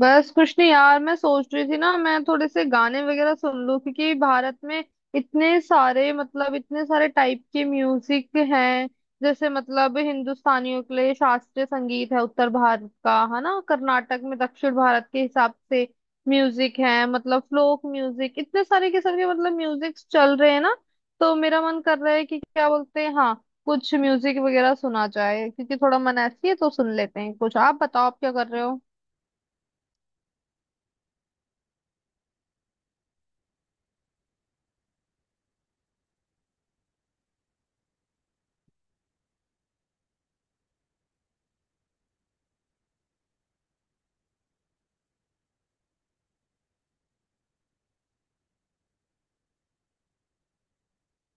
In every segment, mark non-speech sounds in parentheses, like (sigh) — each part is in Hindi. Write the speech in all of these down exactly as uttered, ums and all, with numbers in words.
बस कुछ नहीं यार, मैं सोच रही थी ना, मैं थोड़े से गाने वगैरह सुन लूं, क्योंकि भारत में इतने सारे मतलब इतने सारे टाइप के म्यूजिक हैं। जैसे मतलब हिंदुस्तानियों के लिए शास्त्रीय संगीत है, उत्तर भारत का है ना, कर्नाटक में दक्षिण भारत के हिसाब से म्यूजिक है, मतलब फ्लोक म्यूजिक, इतने सारे किस्म के मतलब म्यूजिक चल रहे हैं ना। तो मेरा मन कर रहा है कि क्या बोलते हैं हाँ, कुछ म्यूजिक वगैरह सुना जाए, क्योंकि थोड़ा मन ऐसी है तो सुन लेते हैं कुछ। आप बताओ, आप क्या कर रहे हो।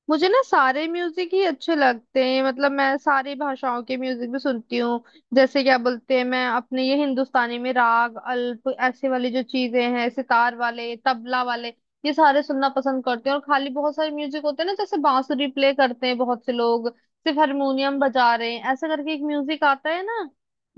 मुझे ना सारे म्यूजिक ही अच्छे लगते हैं, मतलब मैं सारी भाषाओं के म्यूजिक भी सुनती हूँ। जैसे क्या बोलते हैं, मैं अपने ये हिंदुस्तानी में राग अल्प ऐसे वाली जो चीजें हैं, सितार वाले, तबला वाले, ये सारे सुनना पसंद करते हैं। और खाली बहुत सारे म्यूजिक होते हैं ना, जैसे बांसुरी प्ले करते हैं बहुत से लोग, सिर्फ हारमोनियम बजा रहे हैं, ऐसे करके एक म्यूजिक आता है ना,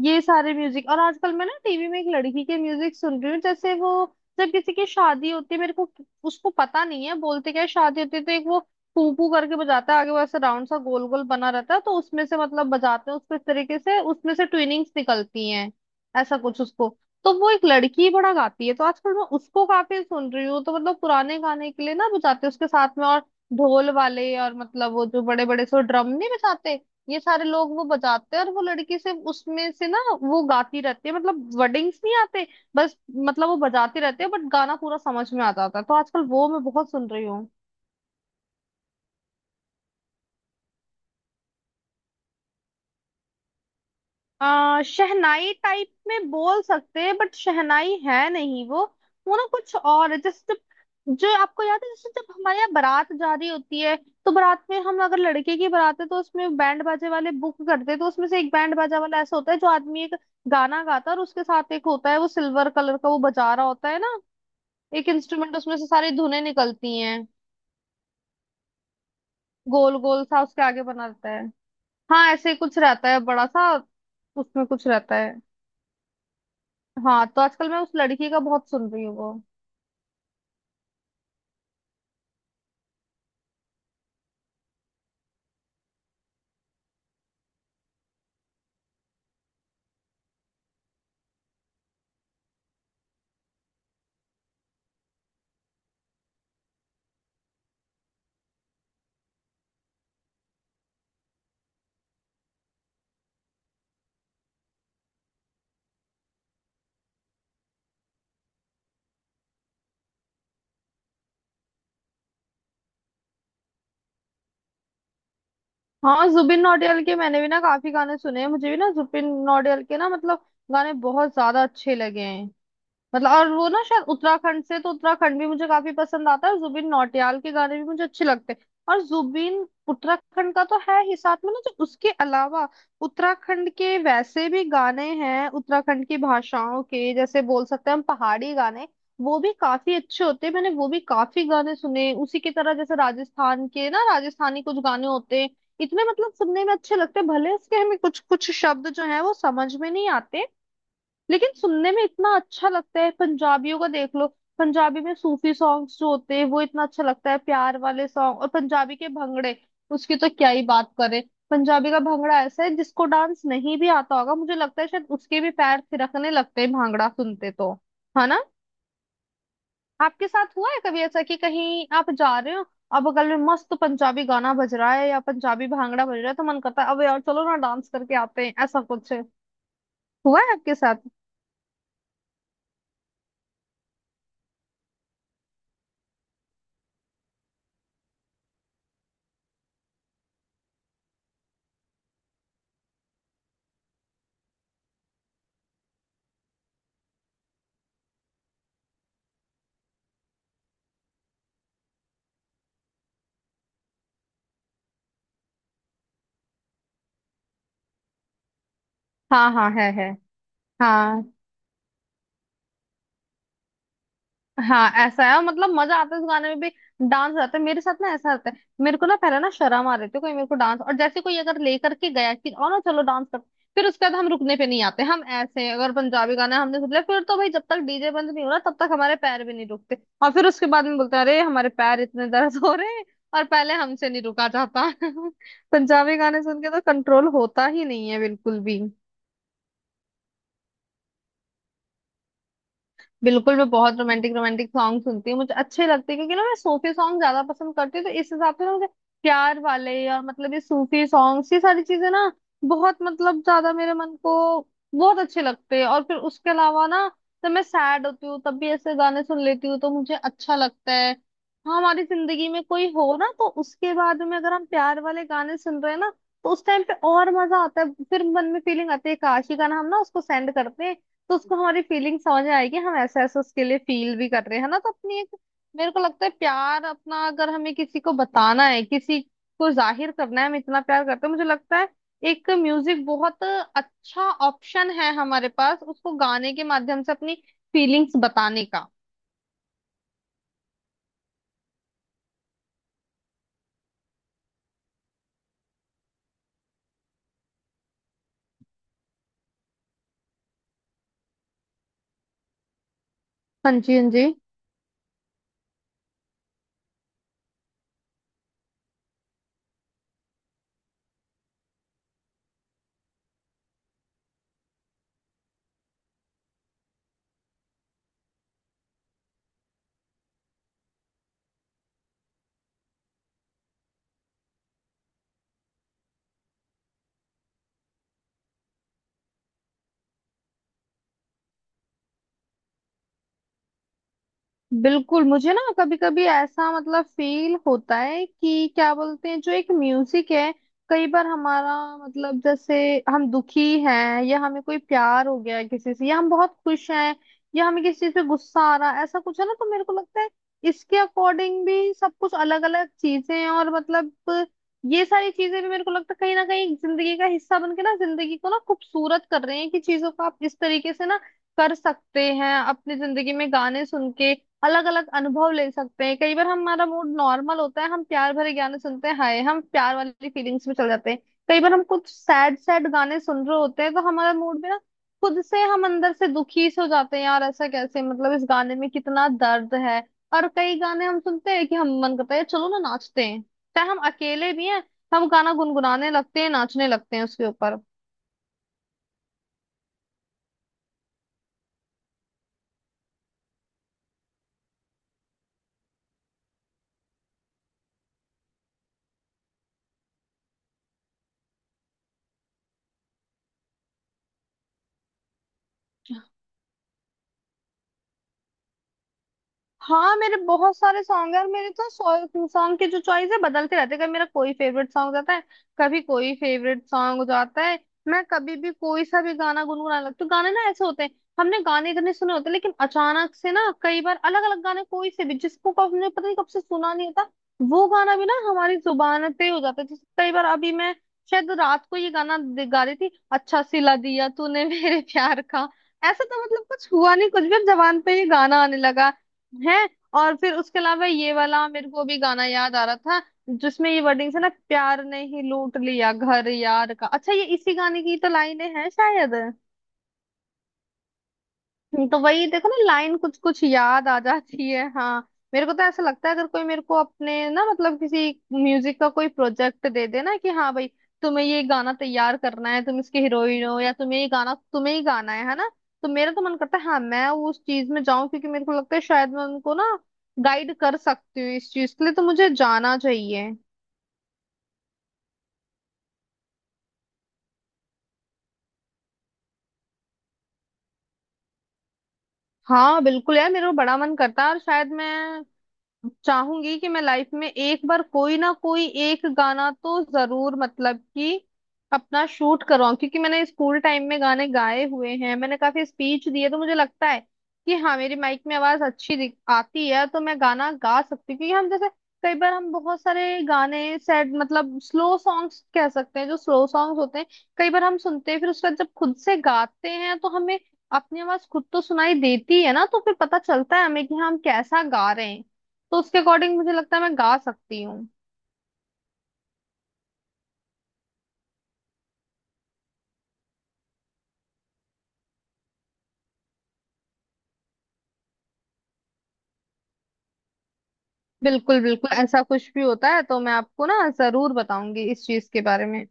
ये सारे म्यूजिक। और आजकल मैं ना टीवी में एक लड़की के म्यूजिक सुन रही हूँ। जैसे वो जब किसी की शादी होती है, मेरे को उसको पता नहीं है बोलते क्या है, शादी होती है तो एक वो पू करके बजाता है आगे, वैसे राउंड सा गोल गोल बना रहता है तो उसमें से मतलब बजाते हैं उसको इस तरीके से, उसमें से ट्विनिंग्स निकलती हैं ऐसा कुछ उसको। तो वो एक लड़की बड़ा गाती है, तो आजकल मैं उसको काफी सुन रही हूँ। तो मतलब पुराने गाने के लिए ना बजाते हैं उसके साथ में, और ढोल वाले, और मतलब वो जो बड़े बड़े से ड्रम नहीं बजाते, ये सारे लोग वो बजाते हैं, और वो लड़की से उसमें से ना वो गाती रहती है, मतलब वर्डिंग्स नहीं आते बस, मतलब वो बजाती रहती है, बट गाना पूरा समझ में आ जाता है। तो आजकल वो मैं बहुत सुन रही हूँ। आ, शहनाई टाइप में बोल सकते हैं, बट शहनाई है नहीं वो। वो ना कुछ और है। जैसे जब जो आपको याद है, जैसे जब हमारे यहाँ बारात जा रही होती है, तो बारात में, हम अगर लड़के की बारात है तो उसमें बैंड बाजे वाले बुक करते हैं, तो उसमें से एक बैंड बाजा वाला ऐसा होता है, जो आदमी एक गाना गाता है और उसके साथ एक होता है, वो सिल्वर कलर का वो बजा रहा होता है ना, एक इंस्ट्रूमेंट, उसमें से सारी धुनें निकलती हैं। गोल गोल सा उसके आगे बना रहता है, हाँ ऐसे कुछ रहता है बड़ा सा, उसमें कुछ रहता है। हाँ, तो आजकल मैं उस लड़की का बहुत सुन रही हूँ वो। हाँ, जुबिन नौटियाल के मैंने भी ना काफी गाने सुने हैं, मुझे भी ना जुबिन नौटियाल के ना मतलब गाने बहुत ज्यादा अच्छे लगे हैं। मतलब, और वो ना शायद उत्तराखंड से, तो उत्तराखंड भी मुझे काफी पसंद आता है, जुबिन नौटियाल के गाने भी मुझे अच्छे लगते हैं, और जुबिन उत्तराखंड का तो है ही साथ में ना। जो उसके अलावा उत्तराखंड के वैसे भी गाने हैं, उत्तराखंड की भाषाओं के, जैसे बोल सकते हैं हम पहाड़ी गाने, वो भी काफी अच्छे होते हैं, मैंने वो भी काफी गाने सुने। उसी की तरह जैसे राजस्थान के ना, राजस्थानी कुछ गाने होते हैं, इतने मतलब सुनने में अच्छे लगते हैं, भले उसके हमें कुछ कुछ शब्द जो है वो समझ में नहीं आते, लेकिन सुनने में इतना अच्छा लगता है। पंजाबियों का देख लो, पंजाबी में सूफी सॉन्ग्स जो होते हैं वो इतना अच्छा लगता है, प्यार वाले सॉन्ग, और पंजाबी के भंगड़े, उसकी तो क्या ही बात करें। पंजाबी का भंगड़ा ऐसा है जिसको डांस नहीं भी आता होगा, मुझे लगता है शायद उसके भी पैर थिरकने लगते हैं भांगड़ा सुनते, तो है ना। आपके साथ हुआ है कभी ऐसा, कि कहीं आप जा रहे हो, अब बगल में मस्त पंजाबी गाना बज रहा है या पंजाबी भांगड़ा बज रहा है, तो मन करता है अब यार चलो ना डांस करके आते हैं, ऐसा कुछ हुआ है आपके साथ? हाँ हाँ, है है हाँ। हाँ ऐसा है, और मतलब मजा आता है उस गाने में भी। डांस आता है मेरे साथ ना, ऐसा आता है। मेरे को ना पहले ना शर्म आ रही थी, कोई मेरे को डांस, और जैसे कोई अगर लेकर के गया कि और ना चलो डांस कर, फिर उसके बाद हम रुकने पे नहीं आते, हम ऐसे हैं। अगर पंजाबी गाना हमने सुन लिया फिर, तो भाई जब तक डीजे बंद नहीं हो रहा तब तक हमारे पैर भी नहीं रुकते। और फिर उसके बाद में बोलते हैं, अरे हमारे पैर इतने दर्द हो रहे हैं, और पहले हमसे नहीं रुका जाता। (laughs) पंजाबी गाने सुन के तो कंट्रोल होता ही नहीं है बिल्कुल भी। बिल्कुल, मैं बहुत रोमांटिक रोमांटिक सॉन्ग सुनती हूँ, मुझे अच्छे लगते हैं, क्योंकि ना मैं सूफी सॉन्ग ज्यादा पसंद करती हूँ, तो इस हिसाब से ना मुझे प्यार वाले, और मतलब ये सूफी सॉन्ग्स, ये सारी चीजें ना बहुत मतलब ज्यादा मेरे मन को बहुत अच्छे लगते हैं। और फिर उसके अलावा ना, जब मैं सैड होती हूँ तब भी ऐसे गाने सुन लेती हूँ, तो मुझे अच्छा लगता है। हाँ, हमारी जिंदगी में कोई हो ना, तो उसके बाद में अगर हम प्यार वाले गाने सुन रहे हैं ना, तो उस टाइम पे और मजा आता है, फिर मन में फीलिंग आती है काश ये गाना हम ना उसको सेंड करते हैं, तो उसको हमारी फीलिंग समझ आएगी, हम ऐसे ऐसे उसके लिए फील भी कर रहे हैं ना, तो अपनी एक, मेरे को लगता है प्यार अपना, अगर हमें किसी को बताना है, किसी को जाहिर करना है हम इतना प्यार करते हैं, मुझे लगता है एक म्यूजिक बहुत अच्छा ऑप्शन है हमारे पास, उसको गाने के माध्यम से अपनी फीलिंग्स बताने का। हाँ जी, हाँ जी। बिल्कुल, मुझे ना कभी कभी ऐसा मतलब फील होता है कि क्या बोलते हैं, जो एक म्यूजिक है, कई बार हमारा मतलब, जैसे हम दुखी हैं, या हमें कोई प्यार हो गया है किसी से, या हम बहुत खुश हैं, या हमें किसी चीज पे गुस्सा आ रहा है, ऐसा कुछ है ना, तो मेरे को लगता है इसके अकॉर्डिंग भी सब कुछ अलग अलग चीजें हैं। और मतलब ये सारी चीजें भी मेरे को लगता है कहीं ना कहीं जिंदगी का हिस्सा बन के ना, जिंदगी को ना खूबसूरत कर रहे हैं, कि चीजों को आप इस तरीके से ना कर सकते हैं, अपनी जिंदगी में गाने सुन के अलग अलग अनुभव ले सकते हैं। कई बार हमारा मूड नॉर्मल होता है, हम प्यार भरे गाने सुनते हैं, हाय हम प्यार वाली फीलिंग्स में चले जाते हैं। कई बार हम कुछ सैड सैड गाने सुन रहे होते हैं, तो हमारा मूड भी ना खुद से हम अंदर से दुखी से हो जाते हैं, यार ऐसा कैसे, मतलब इस गाने में कितना दर्द है। और कई गाने हम सुनते हैं कि हम, मन करता है चलो ना नाचते हैं, चाहे हम अकेले भी हैं, हम गाना गुनगुनाने लगते हैं, नाचने लगते हैं उसके ऊपर। हाँ, मेरे बहुत सारे सॉन्ग है, और मेरे तो सॉन्ग के जो चॉइस है बदलते रहते हैं, कभी मेरा कोई फेवरेट सॉन्ग जाता है, कभी कोई फेवरेट सॉन्ग हो जाता है। मैं कभी भी कोई सा भी गाना गुनगुनाने लगती हूँ, गाने ना ऐसे होते हैं, हमने गाने इतने सुने होते हैं, लेकिन अचानक से ना कई बार अलग अलग गाने कोई से भी, जिसको कब हमने, पता नहीं कब से सुना नहीं होता, वो गाना भी ना हमारी जुबान पे हो जाता है। जैसे कई बार अभी मैं शायद रात को ये गाना दे- गा रही थी, अच्छा सिला दिया तूने मेरे प्यार का, ऐसा तो मतलब कुछ हुआ नहीं, कुछ भी अब जबान पे ये गाना आने लगा है। और फिर उसके अलावा ये वाला मेरे को भी गाना याद आ रहा था, जिसमें ये वर्डिंग है ना, प्यार ने ही लूट लिया घर यार का, अच्छा ये इसी गाने की तो लाइनें हैं शायद। तो वही देखो ना, लाइन कुछ कुछ याद आ जाती है, हाँ। मेरे को तो ऐसा लगता है, अगर कोई मेरे को अपने ना मतलब किसी म्यूजिक का कोई प्रोजेक्ट दे दे ना, कि हाँ भाई तुम्हें ये गाना तैयार करना है, तुम इसके हीरोइन हो, या तुम्हें ये गाना, तुम्हें ही गाना है है ना, तो मेरा तो मन करता है हाँ मैं उस चीज में जाऊं, क्योंकि मेरे को लगता है शायद मैं उनको ना गाइड कर सकती हूँ इस चीज के लिए, तो मुझे जाना चाहिए। हाँ बिल्कुल यार, मेरा बड़ा मन करता है, और शायद मैं चाहूंगी कि मैं लाइफ में एक बार कोई ना कोई एक गाना तो जरूर मतलब कि अपना शूट करवाऊं, क्योंकि मैंने स्कूल टाइम में गाने गाए हुए हैं, मैंने काफी स्पीच दिए, तो मुझे लगता है कि हाँ मेरी माइक में आवाज अच्छी दिख- आती है, तो मैं गाना गा सकती हूँ। क्योंकि हम जैसे, कई बार हम बहुत सारे गाने सैड मतलब स्लो सॉन्ग्स कह सकते हैं, जो स्लो सॉन्ग्स होते हैं, कई बार हम सुनते हैं, फिर उसके बाद जब खुद से गाते हैं तो हमें अपनी आवाज खुद तो सुनाई देती है ना, तो फिर पता चलता है हमें कि हाँ, हम कैसा गा रहे हैं, तो उसके अकॉर्डिंग मुझे लगता है मैं गा सकती हूँ। बिल्कुल बिल्कुल, ऐसा कुछ भी होता है तो मैं आपको ना जरूर बताऊंगी इस चीज के बारे में।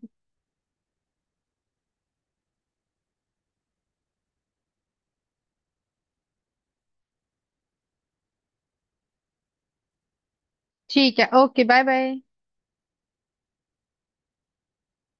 ठीक है, ओके, बाय बाय।